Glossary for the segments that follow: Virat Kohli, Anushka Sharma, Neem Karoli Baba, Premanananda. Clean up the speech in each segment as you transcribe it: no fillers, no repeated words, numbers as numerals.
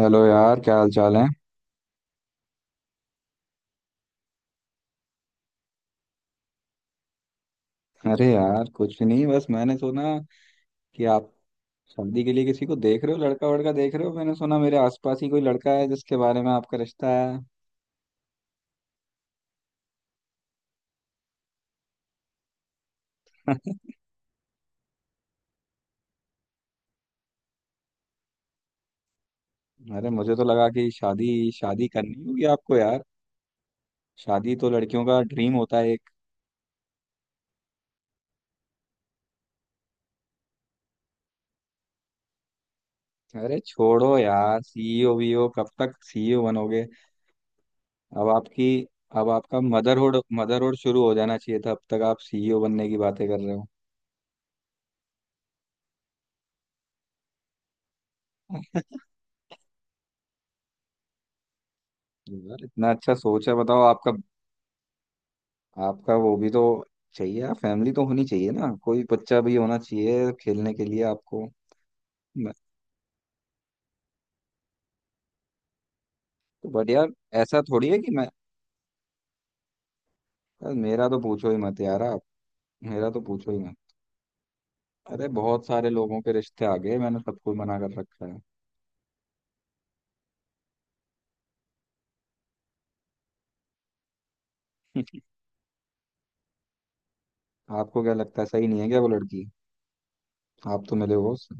Hello यार, क्या हाल चाल है। अरे यार, कुछ नहीं, बस मैंने सुना कि आप शादी के लिए किसी को देख रहे हो, लड़का वड़का देख रहे हो। मैंने सुना मेरे आसपास ही कोई लड़का है जिसके बारे में आपका रिश्ता है। अरे, मुझे तो लगा कि शादी शादी करनी होगी आपको यार। शादी तो लड़कियों का ड्रीम होता है एक। अरे छोड़ो यार, सीईओ वीओ कब तक सीईओ बनोगे। अब आपकी, अब आपका मदरहुड मदरहुड शुरू हो जाना चाहिए था, अब तक आप सीईओ बनने की बातें कर रहे हो। यार इतना अच्छा सोच है बताओ आपका। आपका वो भी तो चाहिए यार, फैमिली तो होनी चाहिए ना, कोई बच्चा भी होना चाहिए खेलने के लिए आपको। मैं, तो बट यार ऐसा थोड़ी है कि मैं। यार मेरा तो पूछो ही मत यार आप, मेरा तो पूछो ही मत। अरे बहुत सारे लोगों के रिश्ते आ गए, मैंने सबको मना कर रखा है। आपको क्या लगता है, सही नहीं है क्या वो लड़की? आप तो मिले हो उससे।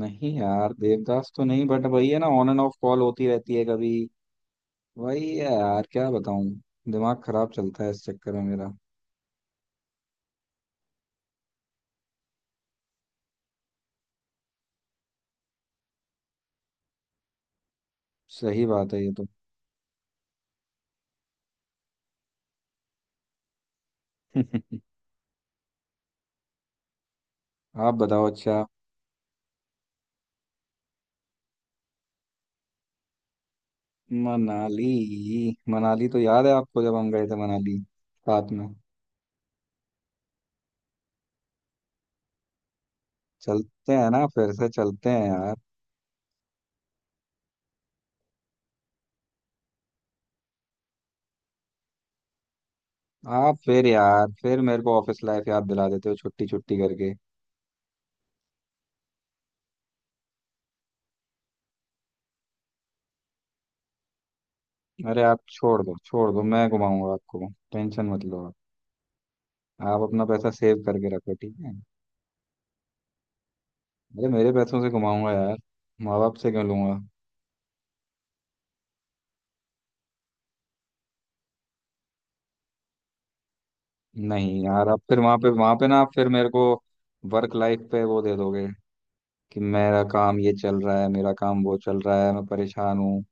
नहीं यार देवदास तो नहीं, बट वही है ना, ऑन एंड ऑफ कॉल होती रहती है कभी। वही है यार, क्या बताऊं। दिमाग खराब चलता है इस चक्कर में मेरा। सही बात है ये तो। आप बताओ अच्छा। मनाली। मनाली तो याद है आपको, जब हम गए थे मनाली साथ में। चलते हैं ना, फिर से चलते हैं यार। आप फिर यार, फिर मेरे को ऑफिस लाइफ याद दिला देते हो छुट्टी छुट्टी करके। अरे आप छोड़ दो छोड़ दो, मैं घुमाऊंगा आपको, टेंशन मत लो आप। आप अपना पैसा सेव करके रखो, ठीक है। अरे मेरे पैसों से घुमाऊंगा यार, माँ बाप से क्यों लूंगा। नहीं यार, आप फिर वहां पे ना, आप फिर मेरे को वर्क लाइफ पे वो दे दोगे कि मेरा काम ये चल रहा है, मेरा काम वो चल रहा है, मैं परेशान हूँ।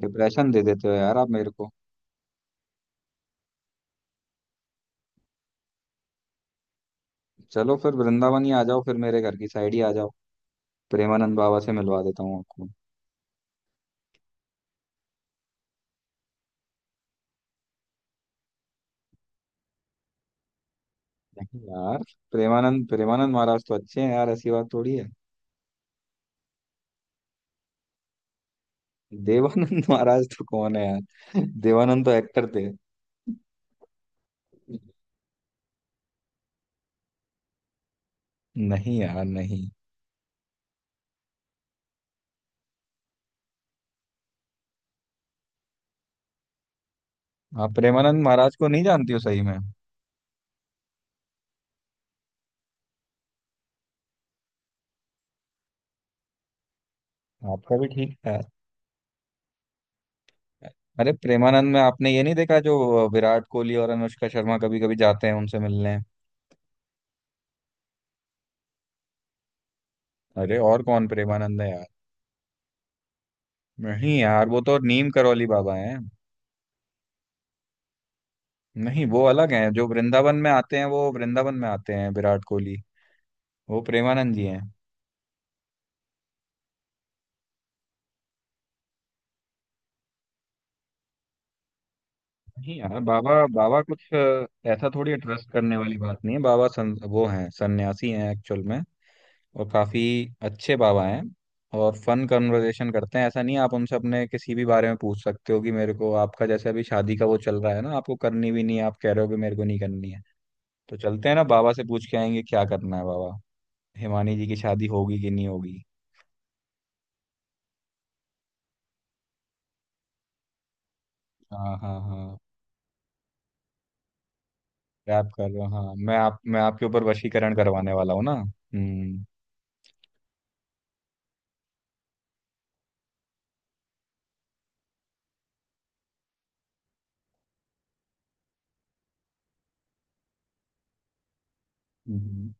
डिप्रेशन दे देते हो यार आप मेरे को। चलो फिर वृंदावन ही आ जाओ, फिर मेरे घर की साइड ही आ जाओ। प्रेमानंद बाबा से मिलवा देता हूँ आपको। नहीं यार, प्रेमानंद प्रेमानंद महाराज तो अच्छे हैं यार, ऐसी बात थोड़ी है। देवानंद महाराज तो कौन है यार। देवानंद तो एक्टर थे। नहीं यार नहीं। आप प्रेमानंद महाराज को नहीं जानती हो सही में। आपका भी ठीक है। अरे प्रेमानंद में आपने ये नहीं देखा, जो विराट कोहली और अनुष्का शर्मा कभी कभी जाते हैं उनसे मिलने। अरे और कौन प्रेमानंद है यार। नहीं यार, वो तो नीम करौली बाबा हैं। नहीं, वो अलग हैं जो वृंदावन में आते हैं, वो वृंदावन में आते हैं विराट कोहली। वो प्रेमानंद जी हैं। नहीं यार, बाबा बाबा कुछ ऐसा थोड़ी है, ट्रस्ट करने वाली बात नहीं है, वो हैं सन्यासी हैं एक्चुअल में। और काफी अच्छे बाबा हैं। और फन कन्वर्सेशन करते हैं, ऐसा नहीं है, आप उनसे अपने किसी भी बारे में पूछ सकते हो। कि मेरे को आपका जैसे अभी शादी का वो चल रहा है ना, आपको करनी भी नहीं है, आप कह रहे हो कि मेरे को नहीं करनी है। तो चलते हैं ना, बाबा से पूछ के आएंगे क्या करना है। बाबा, हिमानी जी की शादी होगी कि नहीं होगी। हाँ हाँ हाँ। रैप कर रहे हो, हाँ, मैं आप, मैं आपके ऊपर वशीकरण करवाने वाला हूँ ना। हम्म। हम्म।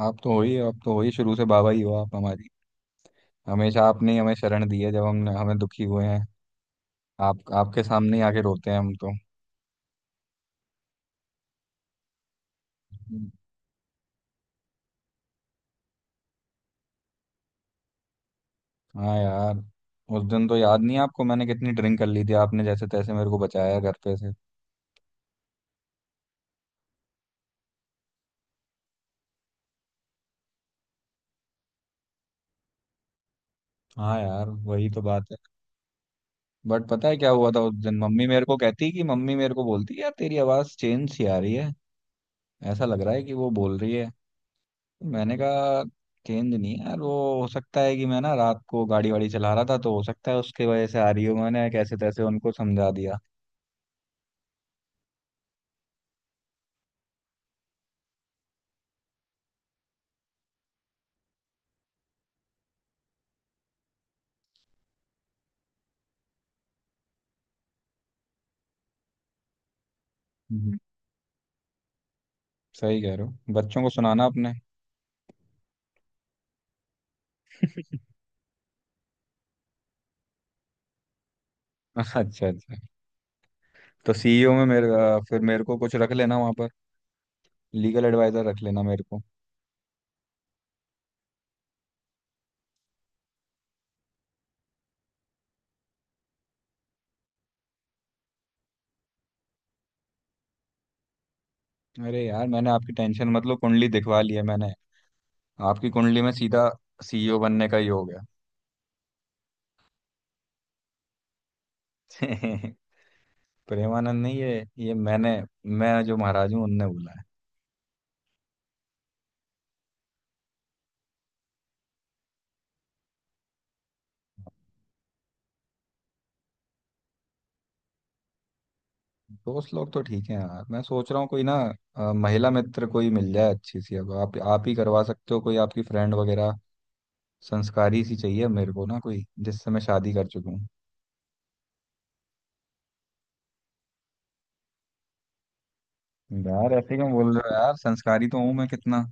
आप तो हो ही, आप तो हो ही शुरू से बाबा ही हो आप हमारी। हमेशा आपने ही हमें शरण दी है, जब हम हमें दुखी हुए हैं। आप आपके सामने ही आके रोते हैं हम तो। हम्म। हाँ यार। उस दिन तो याद नहीं है आपको, मैंने कितनी ड्रिंक कर ली थी, आपने जैसे तैसे मेरे को बचाया घर पे से। हाँ यार, वही तो बात है। बट पता है क्या हुआ था उस दिन, मम्मी मेरे को कहती, कि मम्मी मेरे को बोलती यार तेरी आवाज़ चेंज सी आ रही है। ऐसा लग रहा है कि वो बोल रही है। मैंने कहा गेंद नहीं यार वो, हो सकता है कि मैं ना रात को गाड़ी वाड़ी चला रहा था, तो हो सकता है उसके वजह से आ रही हो। मैंने कैसे तैसे उनको समझा दिया। हम्म। सही कह रहे हो, बच्चों को सुनाना अपने। अच्छा अच्छा। तो सीईओ में मेरे फिर मेरे को कुछ रख लेना वहां पर। लीगल एडवाइजर रख लेना मेरे को। अरे यार, मैंने आपकी टेंशन मतलब कुंडली दिखवा ली है मैंने। आपकी कुंडली में सीधा सीईओ बनने का ही हो गया। प्रेमानंद नहीं, ये ये मैंने, मैं जो महाराज हूँ उनने बोला। दोस्त लोग तो ठीक है यार, मैं सोच रहा हूँ कोई ना महिला मित्र कोई मिल जाए अच्छी सी। अब आप ही करवा सकते हो कोई, आपकी फ्रेंड वगैरह। संस्कारी सी चाहिए मेरे को ना कोई, जिससे मैं शादी कर चुकूं। यार ऐसे क्यों बोल रहे हो यार, संस्कारी तो हूँ मैं कितना।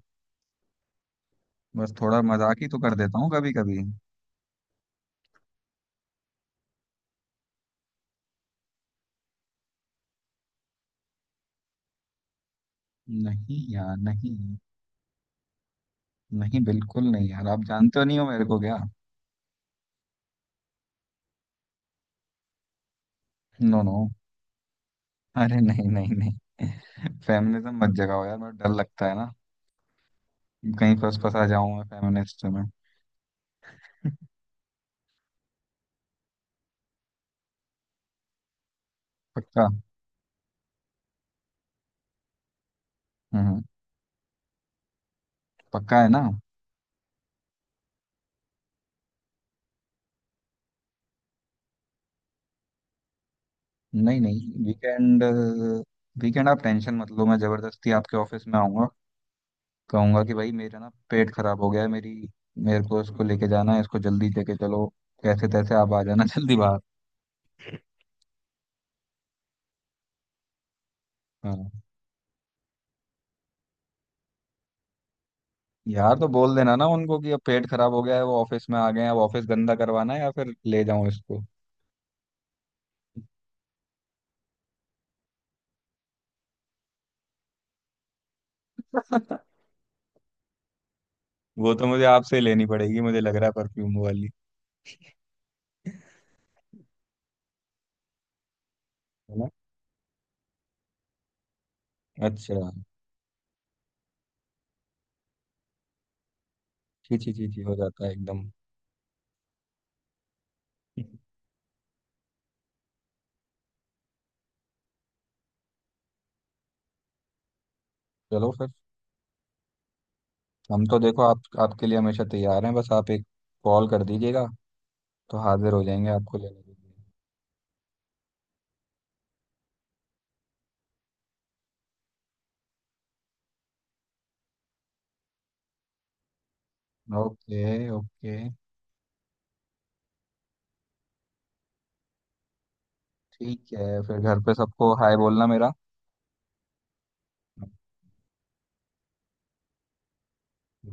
बस थोड़ा मजाक ही तो कर देता हूँ कभी कभी। नहीं यार नहीं। नहीं बिल्कुल नहीं यार, आप जानते हो नहीं हो मेरे को क्या। नो नो, अरे नहीं नहीं नहीं। फेमिनिज्म मत जगाओ यार, मेरा डर लगता है ना। कहीं फंस फंसा जाऊं मैं फेमिनिस्ट में। पक्का। हम्म। पक्का है ना? नहीं नहीं, वीकेंड, वीकेंड आप टेंशन मत लो, मैं जबरदस्ती आपके ऑफिस में आऊंगा। कहूंगा कि भाई मेरा ना पेट खराब हो गया है, मेरी, मेरे को इसको लेके जाना है, इसको जल्दी लेके चलो। कैसे तैसे आप आ जाना जल्दी बाहर। हाँ यार, तो बोल देना ना उनको कि अब पेट खराब हो गया है, वो ऑफिस में आ गए हैं, अब ऑफिस गंदा करवाना है या फिर ले जाऊं इसको। वो तो मुझे आपसे ही लेनी पड़ेगी, मुझे लग रहा है परफ्यूम वाली। है ना। अच्छा। छी छी छी छी हो जाता है एकदम। चलो फिर। हम तो देखो, आप, आपके लिए हमेशा तैयार हैं, बस आप एक कॉल कर दीजिएगा, तो हाजिर हो जाएंगे आपको लेने के लिए। Okay okay. ठीक है, फिर घर पे सबको हाय बोलना मेरा।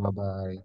Bye bye.